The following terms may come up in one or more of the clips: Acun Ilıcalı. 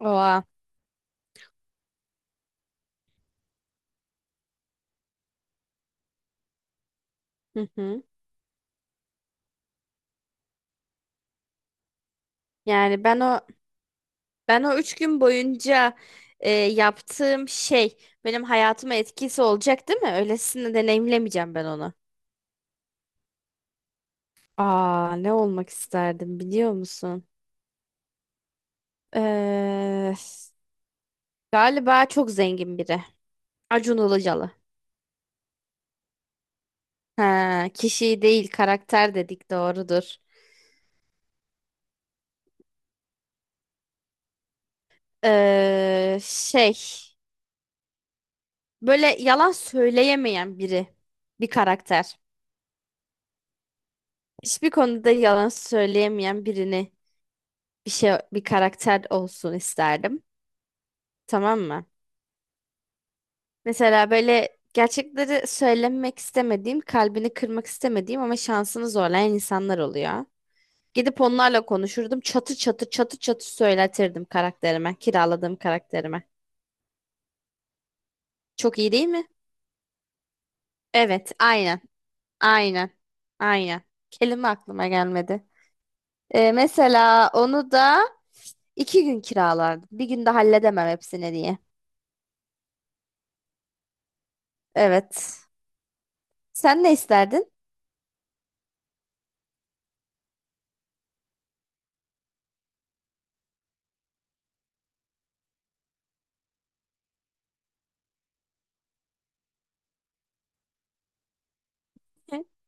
Oha. Hı hı. Yani ben o ben o üç gün boyunca yaptığım şey benim hayatıma etkisi olacak değil mi? Öylesine deneyimlemeyeceğim ben onu. Aa, ne olmak isterdim biliyor musun? Ee, Galiba çok zengin biri. Acun Ilıcalı. Ha, kişi değil karakter dedik, doğrudur. Şey, böyle yalan söyleyemeyen biri, bir karakter. Hiçbir konuda yalan söyleyemeyen birini, bir karakter olsun isterdim. Tamam mı? Mesela böyle gerçekleri söylemek istemediğim, kalbini kırmak istemediğim ama şansını zorlayan insanlar oluyor. Gidip onlarla konuşurdum. Çatır çatır çatır çatır söyletirdim karakterime, kiraladığım karakterime. Çok iyi değil mi? Evet, aynen. Aynen. Aynen. Kelime aklıma gelmedi. Mesela onu da iki gün kiralardım. Bir günde halledemem hepsini diye. Evet. Sen ne isterdin?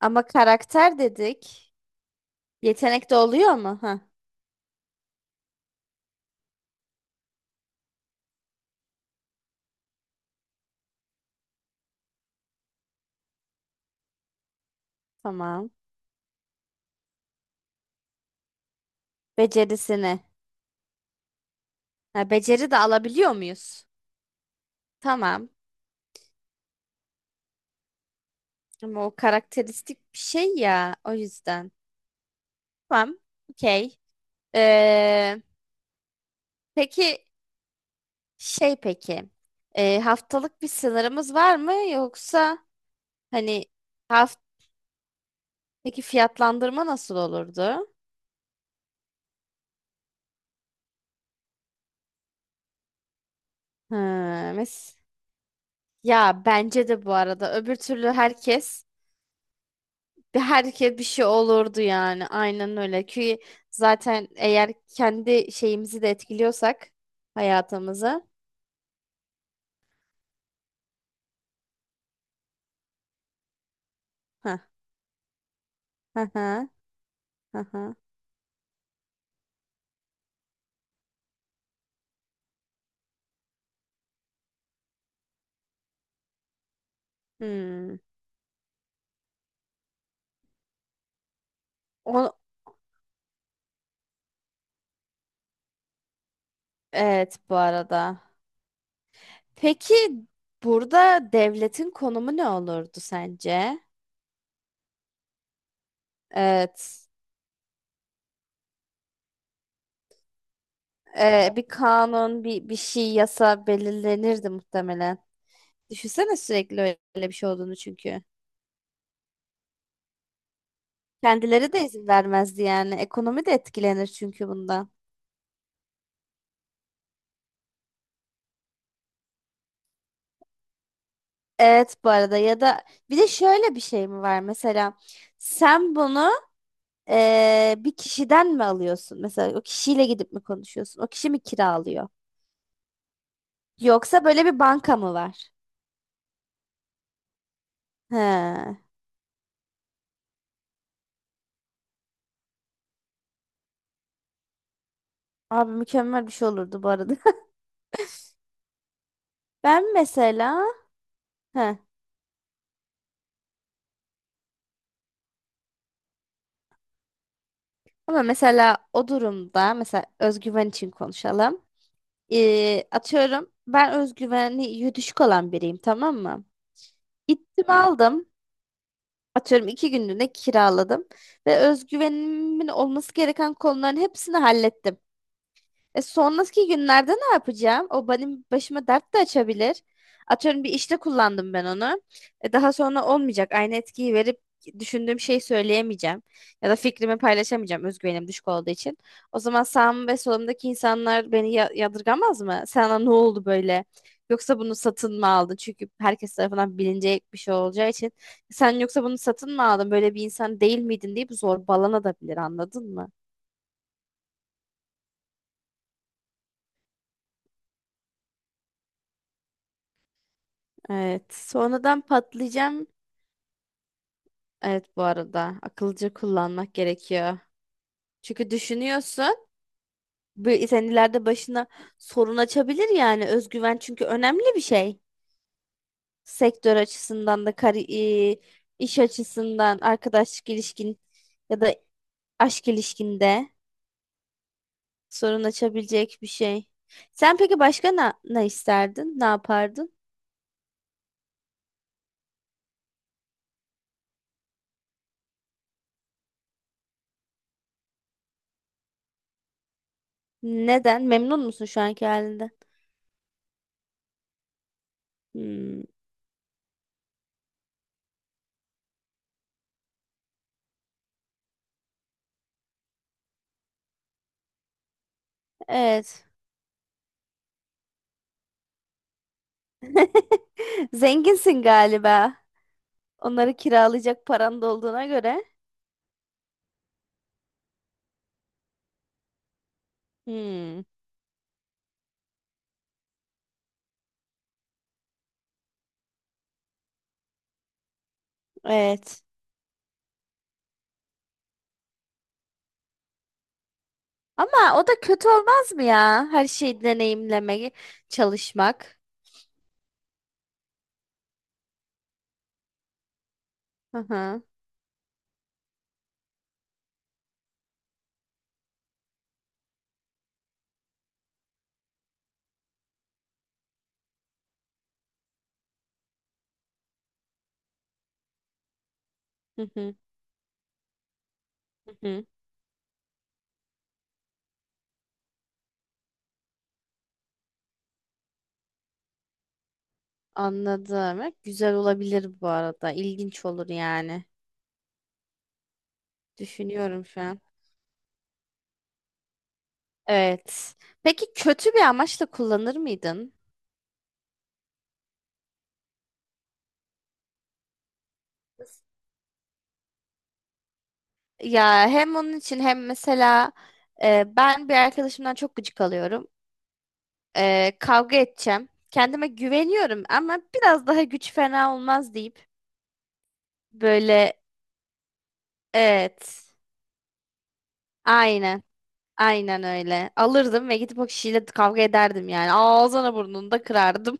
Ama karakter dedik. Yetenek de oluyor mu? Ha, tamam. Becerisini. Ha, beceri de alabiliyor muyuz? Tamam. Ama o karakteristik bir şey ya. O yüzden. Tamam. Okey. Ee, peki peki. Haftalık bir sınırımız var mı? Yoksa hani haft peki, fiyatlandırma nasıl olurdu? Ha, mes ya, bence de bu arada, öbür türlü herkes herkes bir şey olurdu yani. Aynen öyle. Ki zaten eğer kendi şeyimizi de etkiliyorsak, hayatımızı. Ha ha ha ha. Ha. Hmm. O, evet bu arada. Peki, burada devletin konumu ne olurdu sence? Evet. Bir kanun, bir şey, yasa belirlenirdi muhtemelen. Düşünsene sürekli öyle bir şey olduğunu çünkü. Kendileri de izin vermezdi yani. Ekonomi de etkilenir çünkü bundan. Evet, bu arada. Ya da bir de şöyle bir şey mi var mesela, sen bunu bir kişiden mi alıyorsun? Mesela o kişiyle gidip mi konuşuyorsun? O kişi mi kiralıyor? Yoksa böyle bir banka mı var? He. Abi, mükemmel bir şey olurdu bu arada. Ben mesela, he. Ama mesela o durumda, mesela özgüven için konuşalım. Atıyorum ben özgüveni düşük olan biriyim, tamam mı? Gittim, aldım. Atıyorum iki günlüğüne kiraladım ve özgüvenimin olması gereken konuların hepsini hallettim. Sonraki günlerde ne yapacağım? O benim başıma dert de açabilir. Atıyorum bir işte kullandım ben onu. Daha sonra olmayacak. Aynı etkiyi verip düşündüğüm şeyi söyleyemeyeceğim. Ya da fikrimi paylaşamayacağım, özgüvenim düşük olduğu için. O zaman sağım ve solumdaki insanlar beni yadırgamaz mı? Sana ne oldu böyle? Yoksa bunu satın mı aldın? Çünkü herkes tarafından bilinecek bir şey olacağı için. Sen yoksa bunu satın mı aldın? Böyle bir insan değil miydin deyip zorbalanabilir, anladın mı? Evet. Sonradan patlayacağım. Evet, bu arada akılcı kullanmak gerekiyor. Çünkü düşünüyorsun, sen ileride başına sorun açabilir yani, özgüven çünkü önemli bir şey. Sektör açısından da, iş açısından, arkadaşlık ilişkin ya da aşk ilişkinde sorun açabilecek bir şey. Sen peki başka ne isterdin? Ne yapardın? Neden? Memnun musun şu anki halinden? Hmm, evet. Zenginsin galiba. Onları kiralayacak paran da olduğuna göre. Hmm, evet. Ama o da kötü olmaz mı ya? Her şeyi deneyimlemeye çalışmak. Hı hı. Hı hı. Hı hı. Anladım. Evet, güzel olabilir bu arada. İlginç olur yani. Düşünüyorum şu an. Evet. Peki kötü bir amaçla kullanır mıydın? Ya hem onun için hem mesela, ben bir arkadaşımdan çok gıcık alıyorum. Kavga edeceğim. Kendime güveniyorum ama biraz daha güç fena olmaz deyip, böyle, evet, aynen, aynen öyle alırdım ve gidip o kişiyle kavga ederdim, yani ağzına burnunu da kırardım.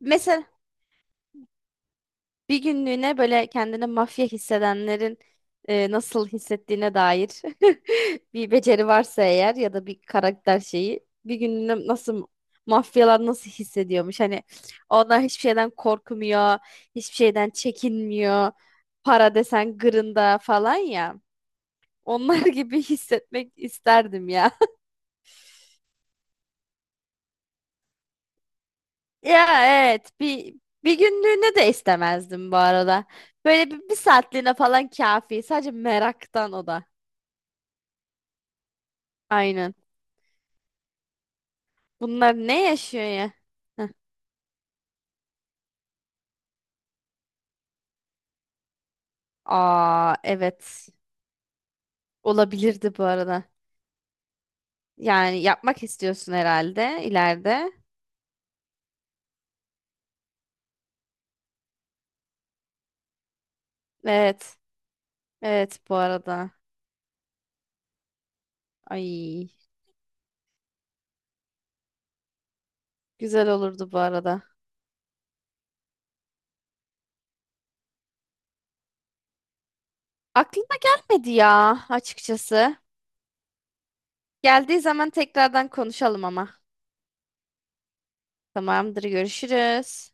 Mesela bir günlüğüne böyle kendini mafya hissedenlerin nasıl hissettiğine dair bir beceri varsa eğer, ya da bir karakter şeyi bir günlüğüne, nasıl mafyalar nasıl hissediyormuş? Hani onlar hiçbir şeyden korkmuyor, hiçbir şeyden çekinmiyor. Para desen gırında falan ya. Onlar gibi hissetmek isterdim ya. Ya evet, bir günlüğüne de istemezdim bu arada. Böyle bir saatliğine falan kafi. Sadece meraktan o da. Aynen. Bunlar ne yaşıyor ya? Heh. Aa, evet. Olabilirdi bu arada. Yani yapmak istiyorsun herhalde ileride. Evet. Evet, bu arada. Ay, güzel olurdu bu arada. Aklıma gelmedi ya, açıkçası. Geldiği zaman tekrardan konuşalım ama. Tamamdır, görüşürüz.